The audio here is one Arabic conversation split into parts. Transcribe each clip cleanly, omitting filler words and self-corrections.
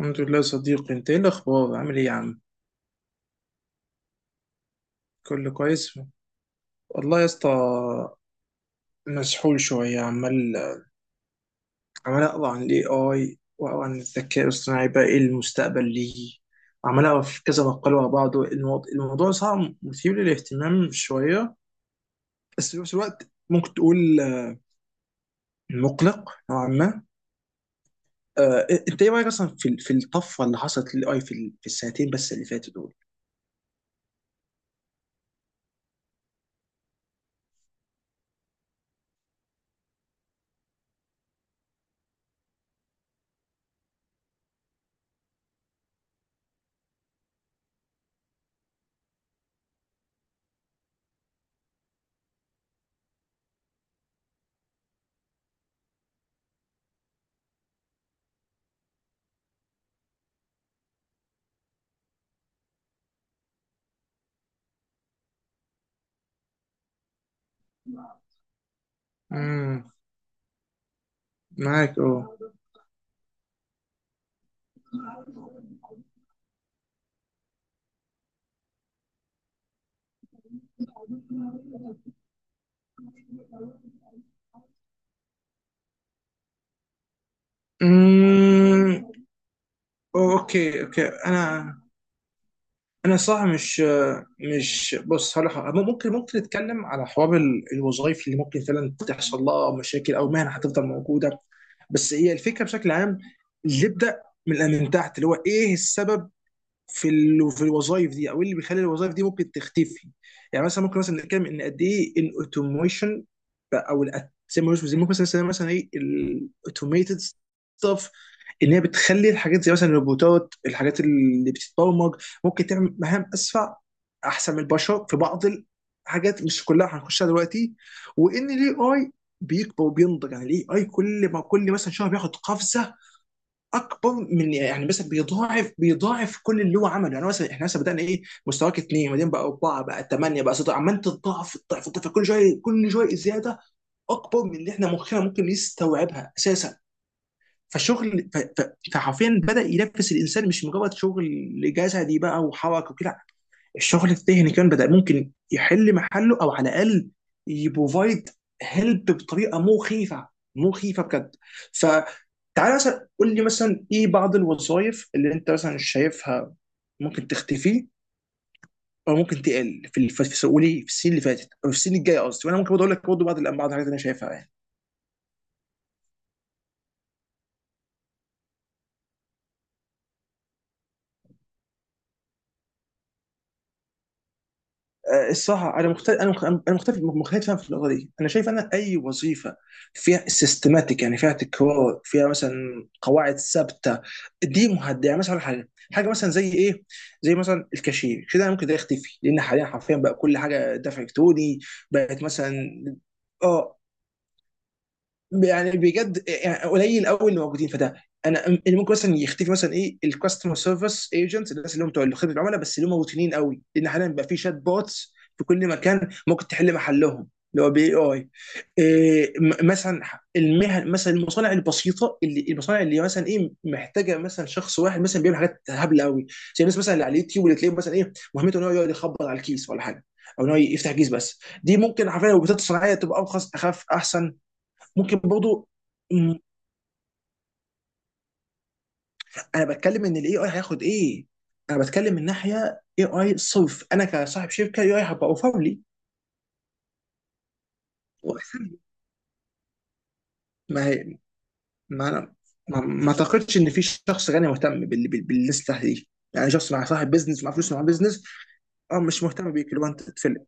الحمد لله يا صديقي، انت ايه الاخبار، عامل ايه يا عم؟ كله كويس والله يا اسطى. مسحول شويه، عمال اقرا عن الاي اي واقرا عن الذكاء الاصطناعي، بقى ايه المستقبل ليه؟ عمال اقرا في كذا مقال ورا بعض، الموضوع صعب، مثير للاهتمام شويه. بس في نفس الوقت ممكن تقول، مقلق نوعا ما. انت ايه رايك اصلا في الطفره اللي حصلت للاي، في السنتين بس اللي فاتوا دول؟ امم. معاك. اه. أوه، اوكي، اوكي، انا صح، مش، بص هقول لك حاجة. ممكن نتكلم على حوار الوظائف اللي ممكن فعلا تحصل لها مشاكل، او مهنه هتفضل موجوده. بس هي الفكره بشكل عام، اللي نبدا من تحت، اللي هو ايه السبب في في الوظائف دي، او إيه اللي بيخلي الوظائف دي ممكن تختفي؟ يعني مثلا ممكن مثلا نتكلم ان قد ايه الاوتوميشن، او زي ما زي ممكن مثلا نسميها مثلا ايه الاوتوميتد ستاف. ان هي بتخلي الحاجات زي مثلا الروبوتات، الحاجات اللي بتتبرمج ممكن تعمل مهام اسرع احسن من البشر في بعض الحاجات، مش كلها هنخشها دلوقتي. وان الاي اي بيكبر وبينضج، يعني الاي اي كل ما كل مثلا شهر بياخد قفزه اكبر. من يعني مثلا بيضاعف بيضاعف كل اللي هو عمله، يعني مثلا احنا مثلا بدانا، ايه، مستواك اثنين، بعدين بقى اربعه، بقى ثمانيه، بقى سته، عمال تضاعف تضاعف تضاعف، كل شويه كل شويه زياده اكبر من اللي احنا مخنا ممكن يستوعبها اساسا. فالشغل، فحرفيا بدا ينفس الانسان، مش مجرد شغل جسدي بقى وحركه وكده. الشغل الذهني كمان بدأ ممكن يحل محله، او على الاقل يبروفايد هيلب بطريقه مخيفه، مخيفه بجد. فتعالى مثلا قول لي، مثلا ايه بعض الوظائف اللي انت مثلا شايفها ممكن تختفي، او ممكن تقل في، قولي، في السنين اللي فاتت، او في السنين الجايه قصدي. وانا ممكن برضه اقول لك برضه بعض الحاجات اللي انا شايفها يعني. الصراحه، انا مختلف في النقطه دي. انا شايف، اي وظيفه فيها سيستماتيك، يعني فيها تكرار، فيها مثلا قواعد ثابته، دي مهدئه. يعني مثلا حاجه مثلا زي ايه؟ زي مثلا الكاشير كده، أنا ممكن ده يختفي، لان حاليا حرفيا بقى كل حاجه دفع الكتروني بقت مثلا. اه يعني بجد، يعني قليل قوي اللي موجودين، فده انا اللي ممكن مثلا يختفي، مثلا ايه الكاستمر سيرفيس ايجنت، الناس اللي هم بتوع خدمه العملاء، بس اللي هم روتينيين قوي، لان حاليا بقى في شات بوتس في كل مكان ممكن تحل محلهم، اللي هو بي اي. إيه، مثلا المهن، مثلا المصانع البسيطه، اللي المصانع اللي مثلا ايه محتاجه مثلا شخص واحد مثلا بيعمل حاجات هبله قوي، زي الناس مثلا اللي على اليوتيوب، اللي تلاقيه مثلا ايه مهمته ان هو يقعد يخبط على الكيس ولا حاجه، او ان هو يفتح كيس. بس دي ممكن حرفيا لو بتاعت الصناعيه تبقى ارخص اخف احسن، ممكن برضو. م، انا بتكلم ان الاي اي هياخد ايه. انا بتكلم من ناحيه اي اي صرف، انا كصاحب شركه اي اي هبقى اوفر لي. ما هي، ما انا ما اعتقدش ان في شخص غني مهتم بالليسته دي. يعني شخص مع صاحب بيزنس، مع فلوس، مع بيزنس. اه. مش مهتم بيك اللي هو انت تتفلق.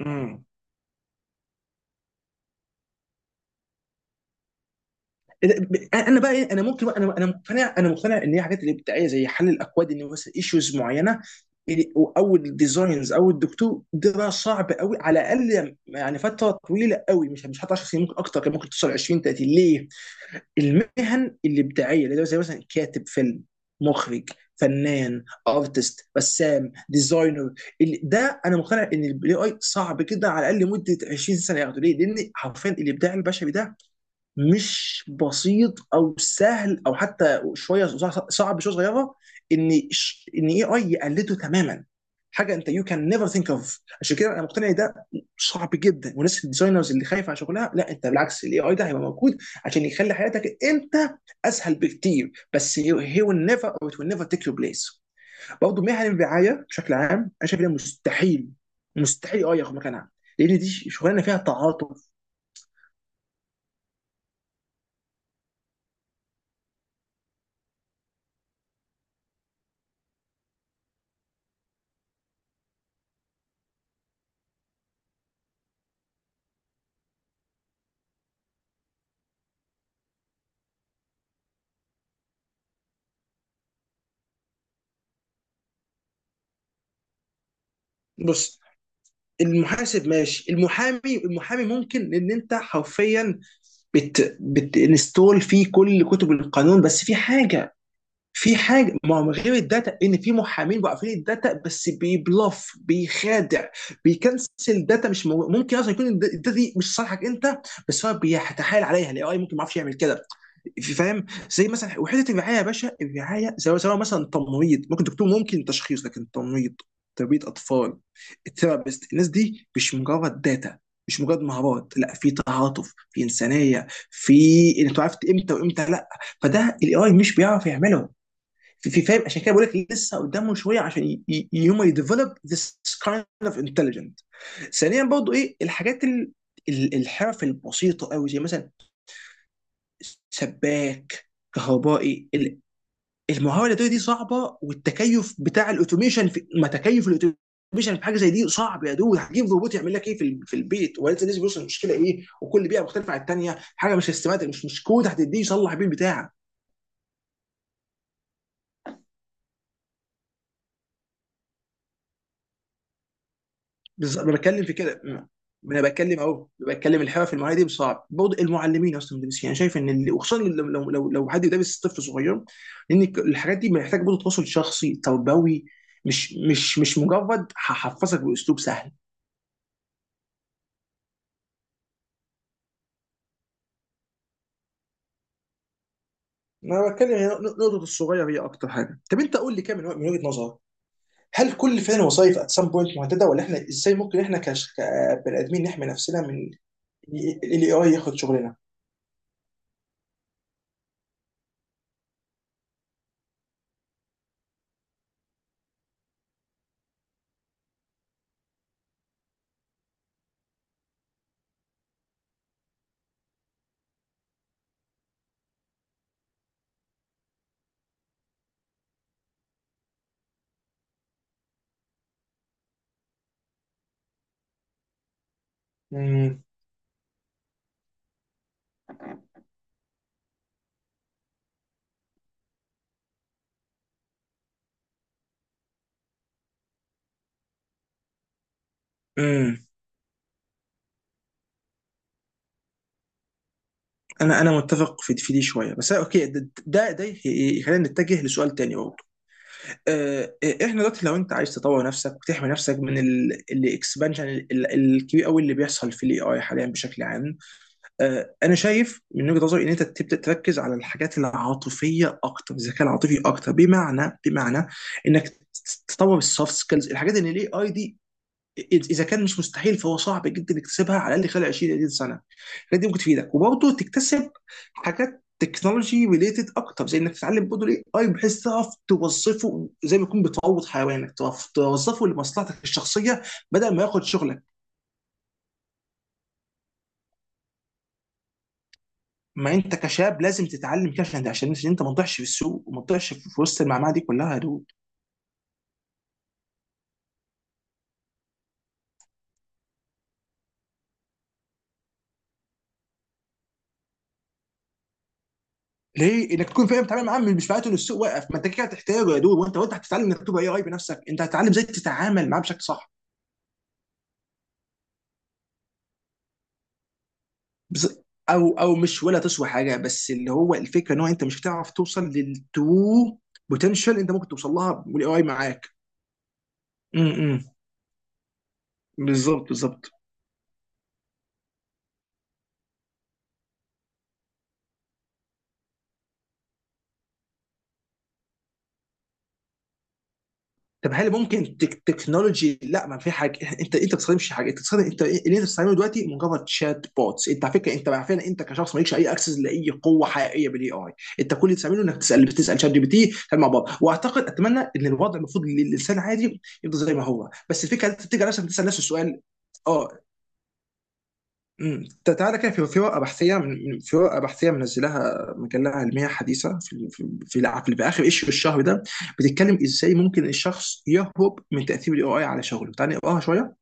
امم. انا بقى إيه، انا ممكن بقى انا انا مقتنع، ان هي حاجات الابداعيه زي حل الاكواد، ان مثلا ايشوز معينه، او الديزاينز، او الدكتور، ده بقى صعب قوي، على الاقل يعني فتره طويله قوي، مش حتى 10 سنين، ممكن اكتر، كان ممكن توصل 20 30 ليه؟ المهن الابداعيه اللي هو زي مثلا، كاتب فيلم، مخرج، فنان، ارتست، رسام، ديزاينر، ده انا مقتنع ان الاي اي صعب جدا، على الاقل مده 20 سنه ياخده ليه؟ لان حرفيا الابداع البشري ده مش بسيط او سهل، او حتى شويه صعب شويه صغيره ان اي اي يقلده تماما. حاجه انت يو كان نيفر ثينك اوف. عشان كده انا مقتنع إن ده صعب جدا. والناس الديزاينرز اللي خايفه على شغلها، لا، انت بالعكس، الاي اي ده هيبقى موجود عشان يخلي حياتك انت اسهل بكتير، بس هي ويل نيفر، او ات ويل نيفر تيك يور بليس. برضه مهن الرعايه بشكل عام، انا شايف ان هي مستحيل، مستحيل اي ياخد مكانها، لان دي شغلانه فيها تعاطف. بص. المحاسب ماشي، المحامي، ممكن ان انت حرفيا بتنستول فيه كل كتب القانون، بس في حاجه. في حاجه، ما هو من غير الداتا، ان في محامين واقفين الداتا، بس بيبلف، بيخادع، بيكنسل داتا. مش ممكن اصلا يكون الداتا دي مش صالحك انت، بس هو بيتحايل عليها. الاي اي ممكن ما يعرفش يعمل كده. فاهم؟ زي مثلا وحده الرعايه يا باشا. الرعايه سواء سواء مثلا تمريض، ممكن دكتور، ممكن تشخيص، لكن تمريض، تربيه اطفال، الثيرابيست، الناس دي مش مجرد داتا، مش مجرد مهارات، لا، في تعاطف، في انسانيه، في انك عرفت امتى وامتى لا. فده الاي اي مش بيعرف يعمله في فاهم؟ عشان كده بقول لك لسه قدامه شويه، عشان يوم يديفلوب ذس كايند اوف انتليجنت. ثانيا برضو ايه الحاجات، الحرف البسيطه قوي، زي مثلا سباك، كهربائي، المهاره اليدويه دي صعبه، والتكيف بتاع الاوتوميشن في، ما تكيف الاوتوميشن في حاجه زي دي صعب يا دود. هتجيب روبوت يعمل لك ايه، في البيت، ولسه بيوصل المشكله ايه، وكل بيئه مختلفه عن الثانيه، حاجه مش سيستماتيك، مش كود هتديه يصلح بيه البتاع. بالظبط، ما بتكلم في كده، ما انا بتكلم اهو، بتكلم الحرف في المعاهده دي صعب برضه. المعلمين، اصلا المدرسين، انا شايف ان اللي، وخصوصا لو حد يدرس طفل صغير، لان الحاجات دي محتاج برضه تواصل شخصي تربوي، مش مجرد هحفظك باسلوب سهل. انا بتكلم هي نقطه الصغير هي اكتر حاجه. طب انت قول لي كده، من وجهه نظرك، هل كل فعل وظائف ات سام بوينت مهدده؟ ولا احنا ازاي ممكن احنا كبني ادمين نحمي نفسنا من الاي اي ياخد شغلنا؟ امم. انا متفق في دي شويه. بس اوكي، ده يخلينا نتجه لسؤال تاني برضه. احنا دلوقتي، لو انت عايز تطور نفسك وتحمي نفسك من الاكسبانشن الكبير قوي اللي بيحصل في الاي اي حاليا بشكل عام. انا شايف من وجهه نظري ان انت تبدا تركز على الحاجات العاطفيه اكتر، الذكاء العاطفي اكتر، بمعنى انك تطور السوفت سكيلز. الحاجات اللي الاي اي دي اذا كان مش مستحيل فهو صعب جدا تكتسبها، على الاقل خلال 20 30 سنه. الحاجات دي ممكن تفيدك، وبرضه تكتسب حاجات تكنولوجي ريليتد اكتر، زي انك تتعلم برضه الاي اي بحيث تعرف توظفه، زي ما يكون بتروض حيوانك تعرف توظفه لمصلحتك الشخصيه، بدل ما ياخد شغلك. ما انت كشاب لازم تتعلم كده، عشان انت ما تضيعش في السوق، وما تضيعش في وسط المعمعه دي كلها يا دود. ليه انك تكون فاهم تتعامل معاه مش معناته ان السوق واقف. ما انت كده هتحتاجه يا دود، وانت هتتعلم انك تبقى اي اي بنفسك، انت هتتعلم ازاي تتعامل معاه بشكل صح. بس، او مش ولا تسوى حاجه، بس اللي هو الفكره ان هو انت مش بتعرف توصل للترو بوتنشال انت ممكن توصل لها والاي اي معاك. امم. بالظبط، بالظبط. طب هل ممكن تكنولوجي؟ لا، ما في حاجه، انت ما بتستخدمش حاجه، انت بتستخدم، انت اللي انت بتستخدمه دلوقتي مجرد شات بوتس. انت على فكره، انت عارفين، انت كشخص مالكش اي اكسس لاي قوه حقيقيه بالاي اي. انت كل اللي بتعمله، انك بتسال شات جي بي تي، تعمل مع بعض. واعتقد اتمنى ان الوضع المفروض للانسان عادي يفضل زي ما هو، بس الفكره انت بتيجي على نفسك بتسال نفس السؤال. اه. امم. تعالى كده في ورقه بحثيه، في ورقه بحثيه منزلاها مجله علميه حديثه، في اخر ايشيو الشهر ده، بتتكلم ازاي ممكن الشخص يهرب من تاثير الاي اي على شغله، تعالى نقراها شويه.